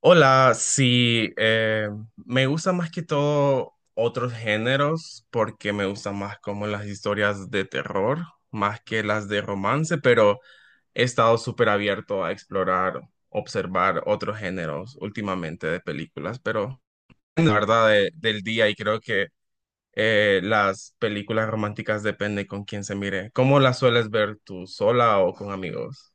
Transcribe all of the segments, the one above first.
Hola, sí, me gustan más que todo otros géneros porque me gustan más como las historias de terror, más que las de romance, pero he estado súper abierto a explorar, observar otros géneros últimamente de películas, pero la verdad del día y creo que las películas románticas depende con quién se mire. ¿Cómo las sueles ver tú, sola o con amigos?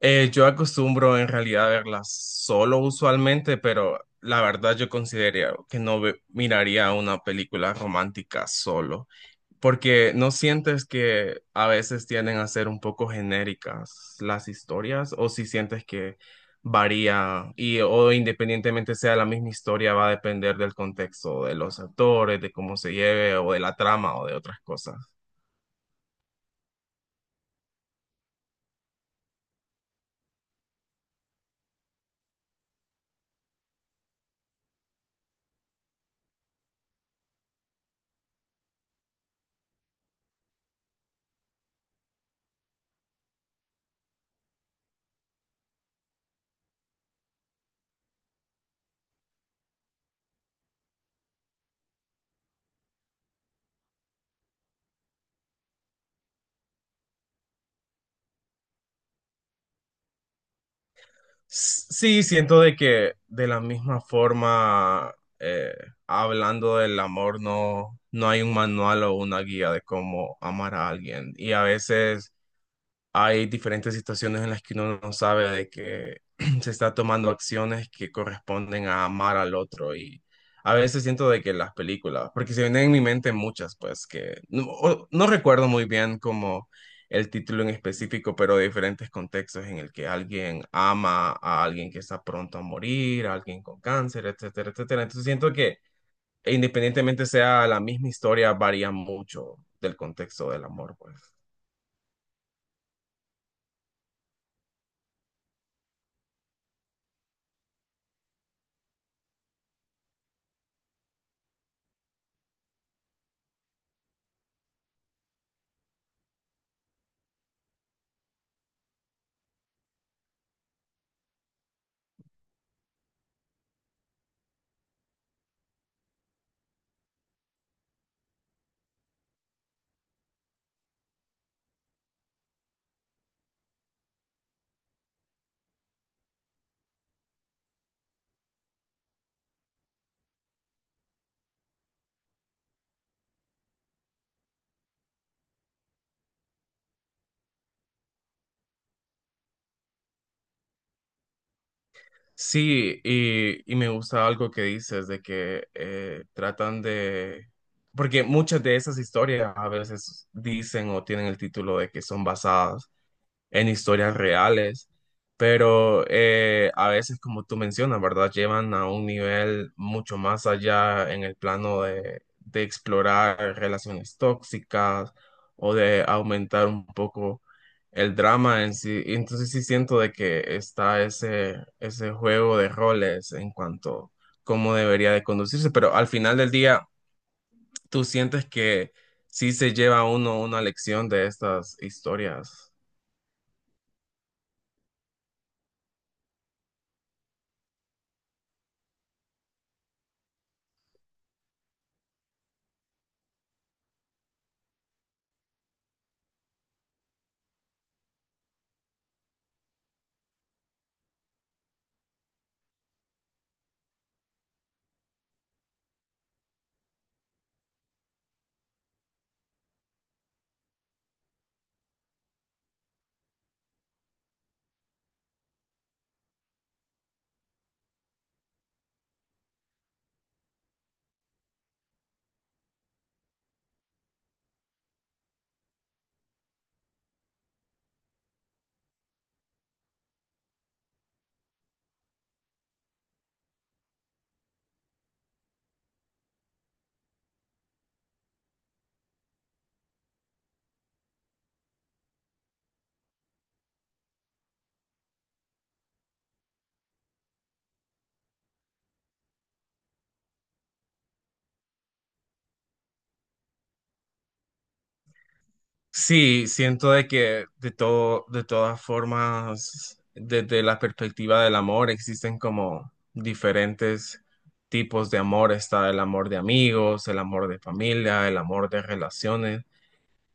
Yo acostumbro en realidad verlas solo usualmente, pero la verdad yo consideraría que no ve- miraría una película romántica solo, porque no sientes que a veces tienden a ser un poco genéricas las historias, o si sientes que varía y o independientemente sea la misma historia va a depender del contexto de los actores, de cómo se lleve o de la trama o de otras cosas. Sí, siento de que de la misma forma, eh, hablando del amor, no, no hay un manual o una guía de cómo amar a alguien. Y a veces hay diferentes situaciones en las que uno no sabe de que se está tomando acciones que corresponden a amar al otro y a veces siento de que las películas, porque se vienen en mi mente muchas, pues que no, no recuerdo muy bien como el título en específico, pero de diferentes contextos en el que alguien ama a alguien que está pronto a morir, a alguien con cáncer, etcétera, etcétera. Entonces siento que independientemente sea la misma historia, varía mucho del contexto del amor, pues. Sí, y me gusta algo que dices de que tratan de, porque muchas de esas historias a veces dicen o tienen el título de que son basadas en historias reales, pero a veces, como tú mencionas, ¿verdad? Llevan a un nivel mucho más allá en el plano de explorar relaciones tóxicas o de aumentar un poco el drama en sí. Entonces sí siento de que está ese, ese juego de roles en cuanto cómo debería de conducirse, pero al final del día, ¿tú sientes que sí se lleva uno una lección de estas historias? Sí, siento de que de todo, de todas formas, desde la perspectiva del amor, existen como diferentes tipos de amor. Está el amor de amigos, el amor de familia, el amor de relaciones.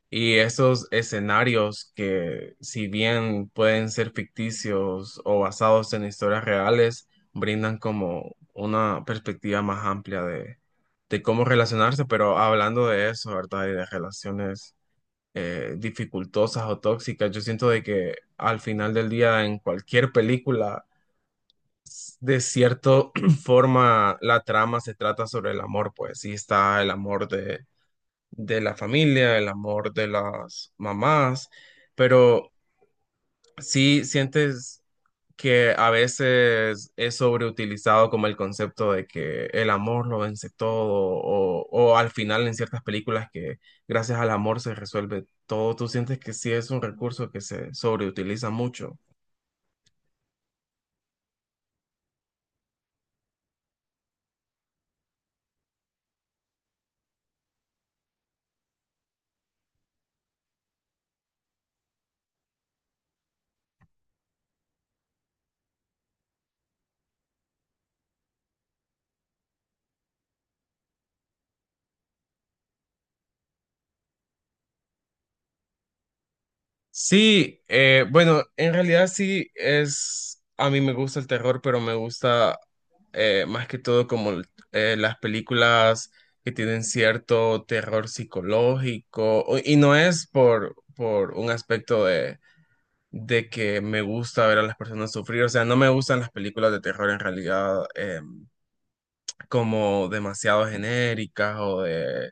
Y esos escenarios que, si bien pueden ser ficticios o basados en historias reales, brindan como una perspectiva más amplia de cómo relacionarse. Pero hablando de eso, ¿verdad? Y de relaciones dificultosas o tóxicas. Yo siento de que al final del día en cualquier película, de cierta forma, la trama se trata sobre el amor, pues sí está el amor de la familia, el amor de las mamás, pero sí sientes que a veces es sobreutilizado como el concepto de que el amor lo vence todo, o al final en ciertas películas que gracias al amor se resuelve todo. ¿Tú sientes que sí es un recurso que se sobreutiliza mucho? Sí, bueno, en realidad sí es, a mí me gusta el terror, pero me gusta más que todo como las películas que tienen cierto terror psicológico, y no es por un aspecto de que me gusta ver a las personas sufrir, o sea, no me gustan las películas de terror en realidad como demasiado genéricas o de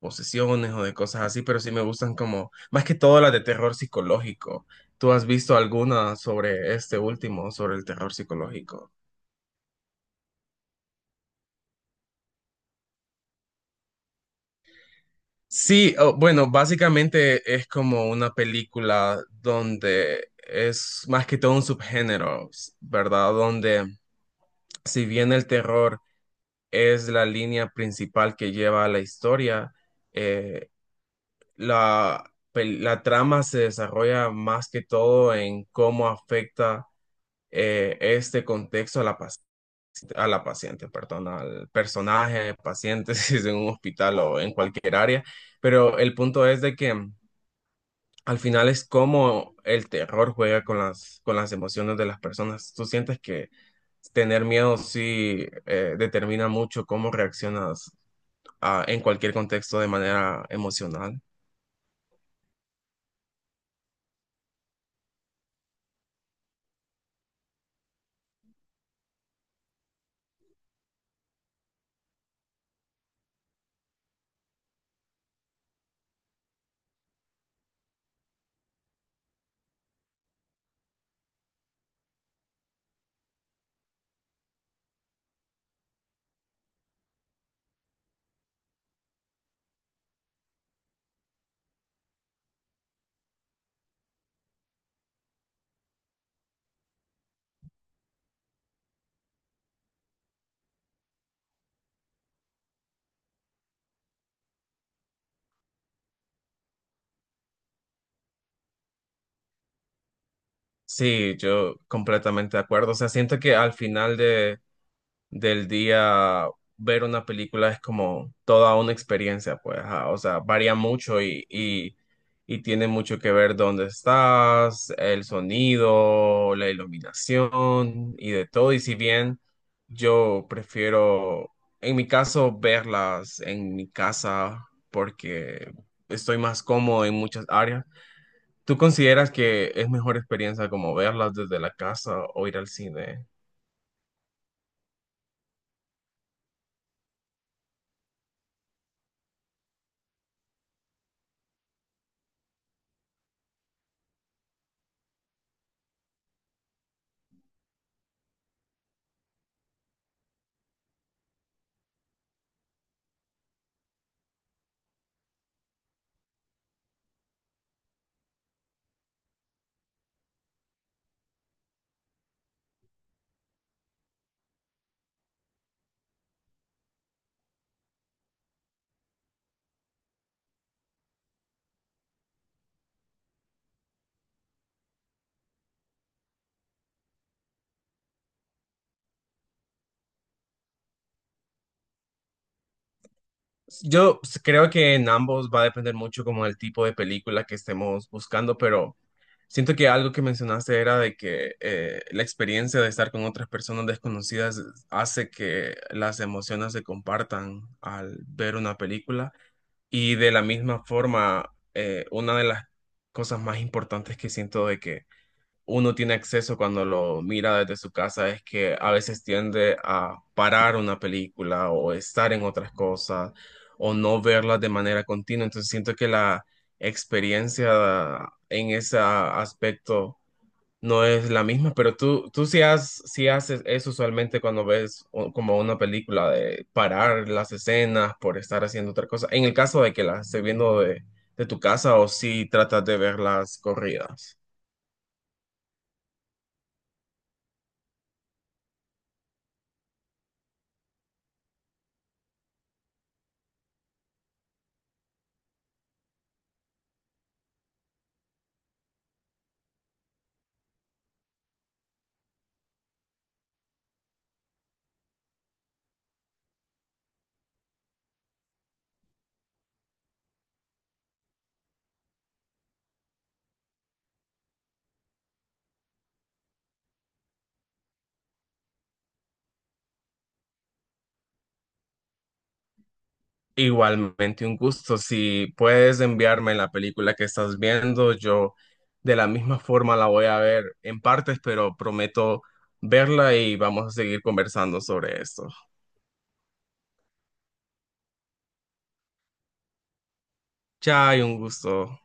posesiones o de cosas así, pero sí me gustan como, más que todo las de terror psicológico. ¿Tú has visto alguna sobre este último, sobre el terror psicológico? Sí, oh, bueno, básicamente es como una película donde es más que todo un subgénero, ¿verdad? Donde si bien el terror es la línea principal que lleva a la historia. Eh, la, la trama se desarrolla más que todo en cómo afecta este contexto a a la paciente, perdón, al personaje, paciente, si es en un hospital o en cualquier área. Pero el punto es de que al final es cómo el terror juega con las emociones de las personas. Tú sientes que tener miedo sí determina mucho cómo reaccionas en cualquier contexto de manera emocional. Sí, yo completamente de acuerdo. O sea, siento que al final de, del día ver una película es como toda una experiencia, pues, ajá. O sea, varía mucho y tiene mucho que ver dónde estás, el sonido, la iluminación y de todo. Y si bien yo prefiero, en mi caso, verlas en mi casa porque estoy más cómodo en muchas áreas. ¿Tú consideras que es mejor experiencia como verlas desde la casa o ir al cine? Creo que en ambos va a depender mucho como del tipo de película que estemos buscando, pero siento que algo que mencionaste era de que la experiencia de estar con otras personas desconocidas hace que las emociones se compartan al ver una película y de la misma forma, una de las cosas más importantes que siento de que uno tiene acceso cuando lo mira desde su casa es que a veces tiende a parar una película o estar en otras cosas o no verlas de manera continua. Entonces siento que la experiencia en ese aspecto no es la misma, pero tú sí, sí haces eso usualmente cuando ves como una película de parar las escenas por estar haciendo otra cosa. En el caso de que las estés viendo de tu casa o si tratas de verlas corridas. Igualmente un gusto. Si puedes enviarme la película que estás viendo, yo de la misma forma la voy a ver en partes, pero prometo verla y vamos a seguir conversando sobre esto. Chao, y un gusto.